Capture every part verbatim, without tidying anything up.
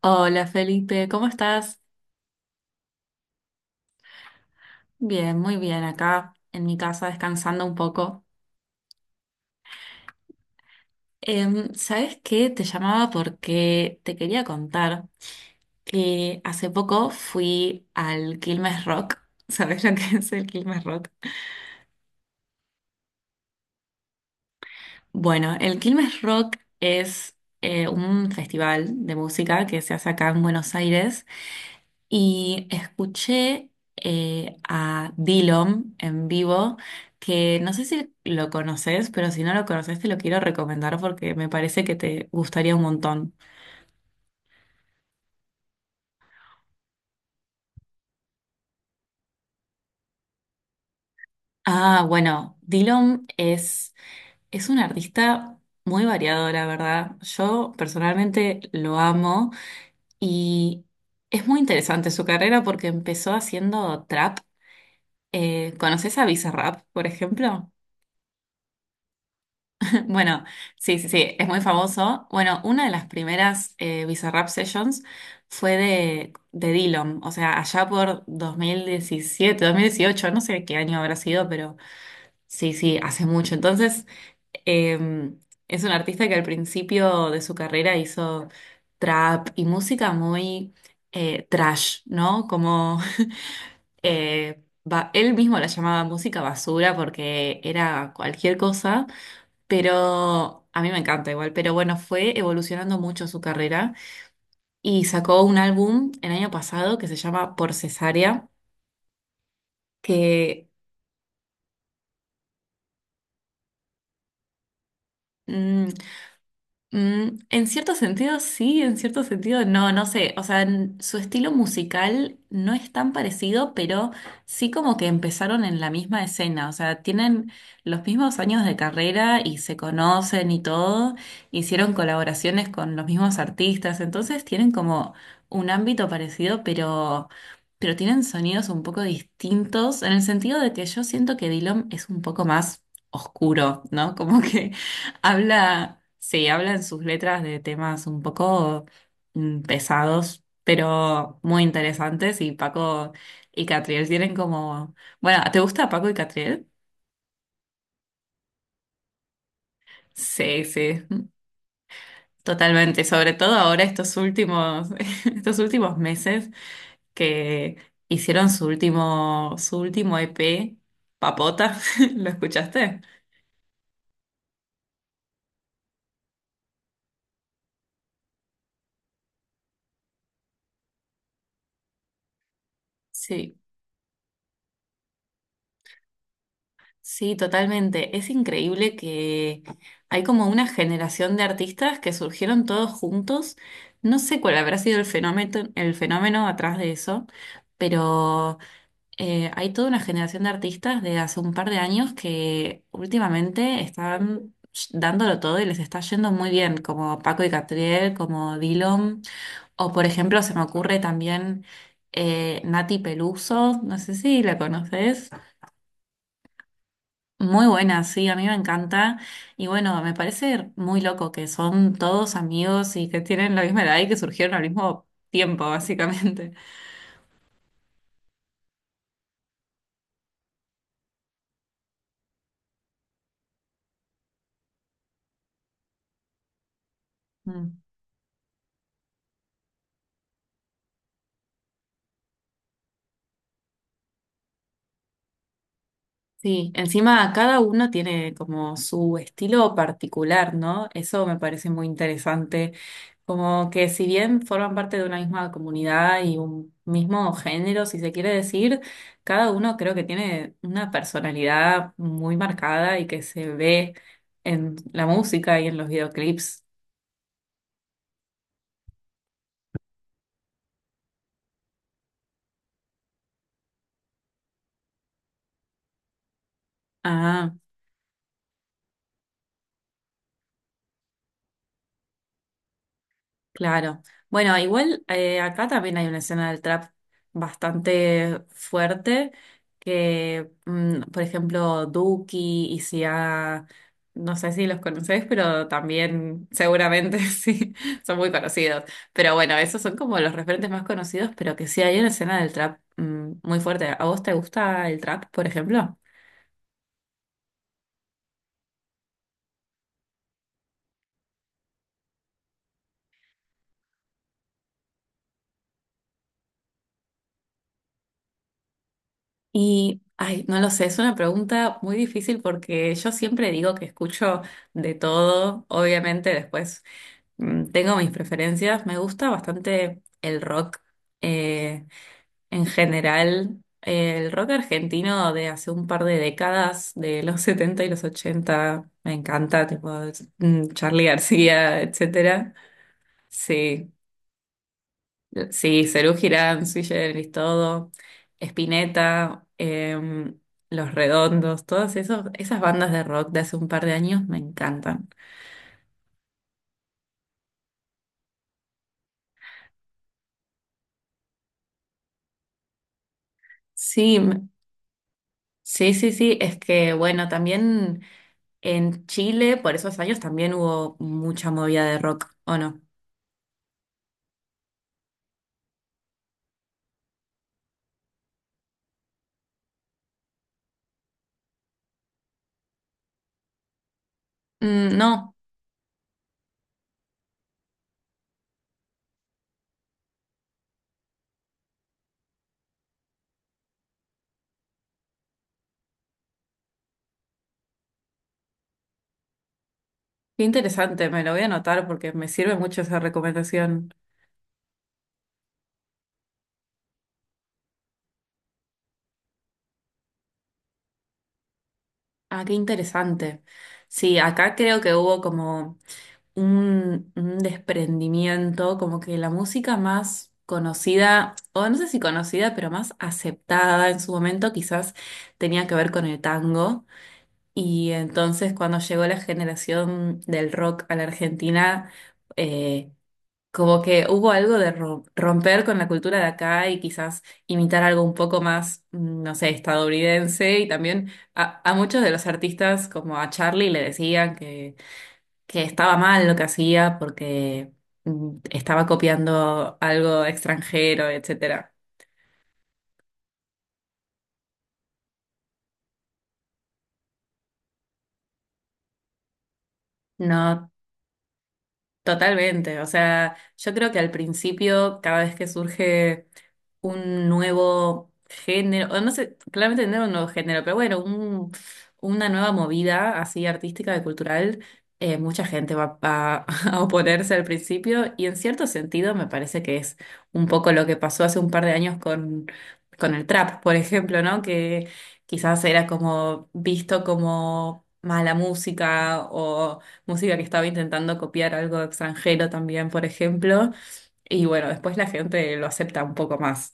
Hola Felipe, ¿cómo estás? Bien, muy bien, acá en mi casa descansando un poco. Em, ¿sabes qué? Te llamaba porque te quería contar que hace poco fui al Quilmes Rock. ¿Sabes lo que es el Quilmes Rock? Bueno, el Quilmes Rock es eh, un festival de música que se hace acá en Buenos Aires. Y escuché eh, a Dillom en vivo, que no sé si lo conoces, pero si no lo conoces te lo quiero recomendar porque me parece que te gustaría un montón. Ah, bueno, Dillom es, es un artista muy variado, la verdad. Yo personalmente lo amo y es muy interesante su carrera porque empezó haciendo trap. Eh, ¿conoces a Bizarrap, por ejemplo? Bueno, sí, sí, sí, es muy famoso. Bueno, una de las primeras eh, Bizarrap Sessions fue de, de Dillom, o sea, allá por dos mil diecisiete, dos mil dieciocho, no sé qué año habrá sido, pero sí, sí, hace mucho. Entonces, eh, es un artista que al principio de su carrera hizo trap y música muy eh, trash, ¿no? Como eh, ba- él mismo la llamaba música basura porque era cualquier cosa. Pero a mí me encanta igual, pero bueno, fue evolucionando mucho su carrera y sacó un álbum el año pasado que se llama Por Cesárea, que mm, mm, en cierto sentido sí, en cierto sentido no, no sé, o sea, n- su estilo musical no es tan parecido, pero sí como que empezaron en la misma escena, o sea, tienen los mismos años de carrera y se conocen y todo, hicieron colaboraciones con los mismos artistas, entonces tienen como un ámbito parecido, pero, pero tienen sonidos un poco distintos, en el sentido de que yo siento que Dillom es un poco más oscuro, ¿no? Como que habla, sí, habla en sus letras de temas un poco mm, pesados, pero muy interesantes. Y Paco y Catriel tienen como. Bueno, ¿te gusta Paco y Catriel? Sí, sí, totalmente. Sobre todo ahora estos últimos, estos últimos meses que hicieron su último, su último E P, Papota. ¿Lo escuchaste? Sí. Sí, totalmente. Es increíble que hay como una generación de artistas que surgieron todos juntos. No sé cuál habrá sido el fenómeno, el fenómeno atrás de eso, pero eh, hay toda una generación de artistas de hace un par de años que últimamente están dándolo todo y les está yendo muy bien, como Paco y Catriel, como Dillom, o por ejemplo se me ocurre también eh, Nati Peluso, no sé si la conoces. Muy buena, sí, a mí me encanta. Y bueno, me parece muy loco que son todos amigos y que tienen la misma edad y que surgieron al mismo tiempo, básicamente. Mm. Sí, encima cada uno tiene como su estilo particular, ¿no? Eso me parece muy interesante. Como que si bien forman parte de una misma comunidad y un mismo género, si se quiere decir, cada uno creo que tiene una personalidad muy marcada y que se ve en la música y en los videoclips. Ah. Claro. Bueno, igual eh, acá también hay una escena del trap bastante fuerte, que mm, por ejemplo Duki y Sia, no sé si los conocés, pero también seguramente sí, son muy conocidos. Pero bueno, esos son como los referentes más conocidos, pero que sí hay una escena del trap mm, muy fuerte. ¿A vos te gusta el trap, por ejemplo? Y, ay, no lo sé, es una pregunta muy difícil porque yo siempre digo que escucho de todo, obviamente después mm, tengo mis preferencias, me gusta bastante el rock eh, en general, eh, el rock argentino de hace un par de décadas, de los setenta y los ochenta me encanta, tipo mm, Charly García, etcétera. Sí, sí, Serú Girán, Sui Generis, todo, Spinetta, em, Los Redondos, todas esos, esas bandas de rock de hace un par de años me encantan. Sí, m- sí, sí, sí, es que bueno, también en Chile por esos años también hubo mucha movida de rock, ¿o no? Mm, no, qué interesante, me lo voy a anotar porque me sirve mucho esa recomendación. Ah, qué interesante. Sí, acá creo que hubo como... un, un desprendimiento, como que la música más conocida, o no sé si conocida, pero más aceptada en su momento, quizás tenía que ver con el tango. Y entonces cuando llegó la generación del rock a la Argentina, eh, como que hubo algo de ro- romper con la cultura de acá y quizás imitar algo un poco más, mm, no sé, estadounidense. Y también a, a muchos de los artistas, como a Charlie, le decían que que estaba mal lo que hacía porque mm, estaba copiando algo extranjero, etcétera. No, totalmente. O sea, yo creo que al principio, cada vez que surge un nuevo género, o no sé, claramente no era un nuevo género, pero bueno, un- una nueva movida así artística y cultural, eh, mucha gente va, va a oponerse al principio y en cierto sentido me parece que es un poco lo que pasó hace un par de años con, con el trap, por ejemplo, ¿no? Que quizás era como visto como mala música o música que estaba intentando copiar algo extranjero también, por ejemplo. Y bueno, después la gente lo acepta un poco más.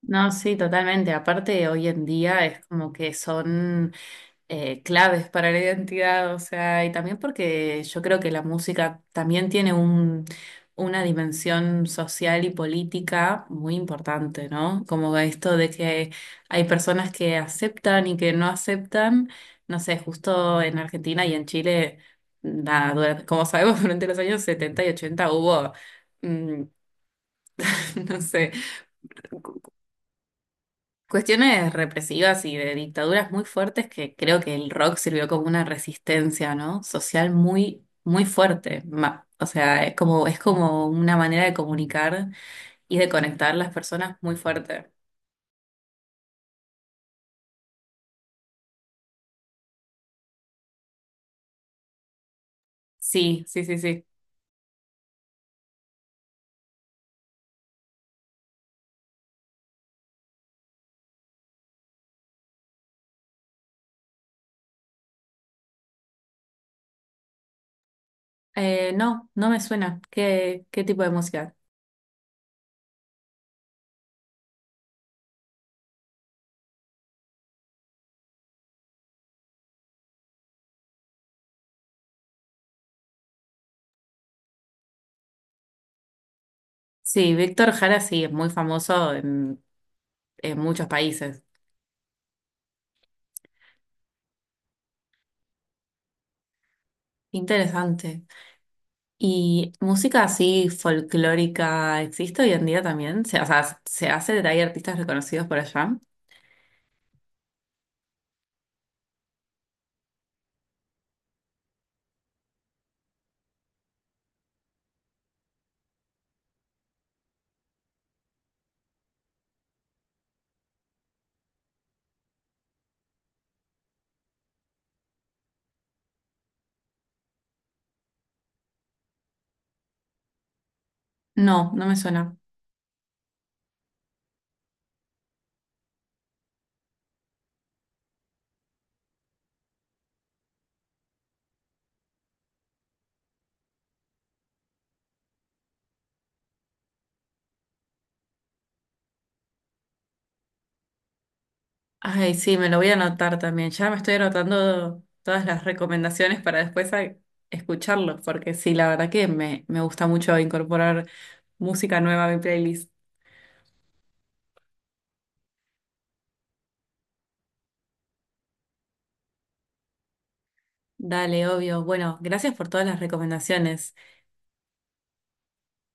No, sí, totalmente. Aparte, hoy en día es como que son eh, claves para la identidad, o sea, y también porque yo creo que la música también tiene un, una dimensión social y política muy importante, ¿no? Como esto de que hay personas que aceptan y que no aceptan, no sé, justo en Argentina y en Chile, nada, durante- como sabemos, durante los años setenta y ochenta hubo, mm, no sé. Cuestiones represivas y de dictaduras muy fuertes que creo que el rock sirvió como una resistencia, ¿no? Social muy, muy fuerte. Ma- O sea, es como, es como una manera de comunicar y de conectar las personas muy fuerte. Sí, sí, sí, sí. Eh, no, no me suena. ¿Qué, qué tipo de música? Sí, Víctor Jara sí, es muy famoso en, en muchos países. Interesante. ¿Y música así folclórica existe hoy en día también? Se- O sea, ¿se hace? ¿Hay artistas reconocidos por allá? No, no me suena. Ay, sí, me lo voy a anotar también. Ya me estoy anotando todas las recomendaciones para después a- escucharlos, porque sí, la verdad que me, me gusta mucho incorporar música nueva a mi playlist. Dale, obvio. Bueno, gracias por todas las recomendaciones.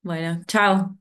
Bueno, chao.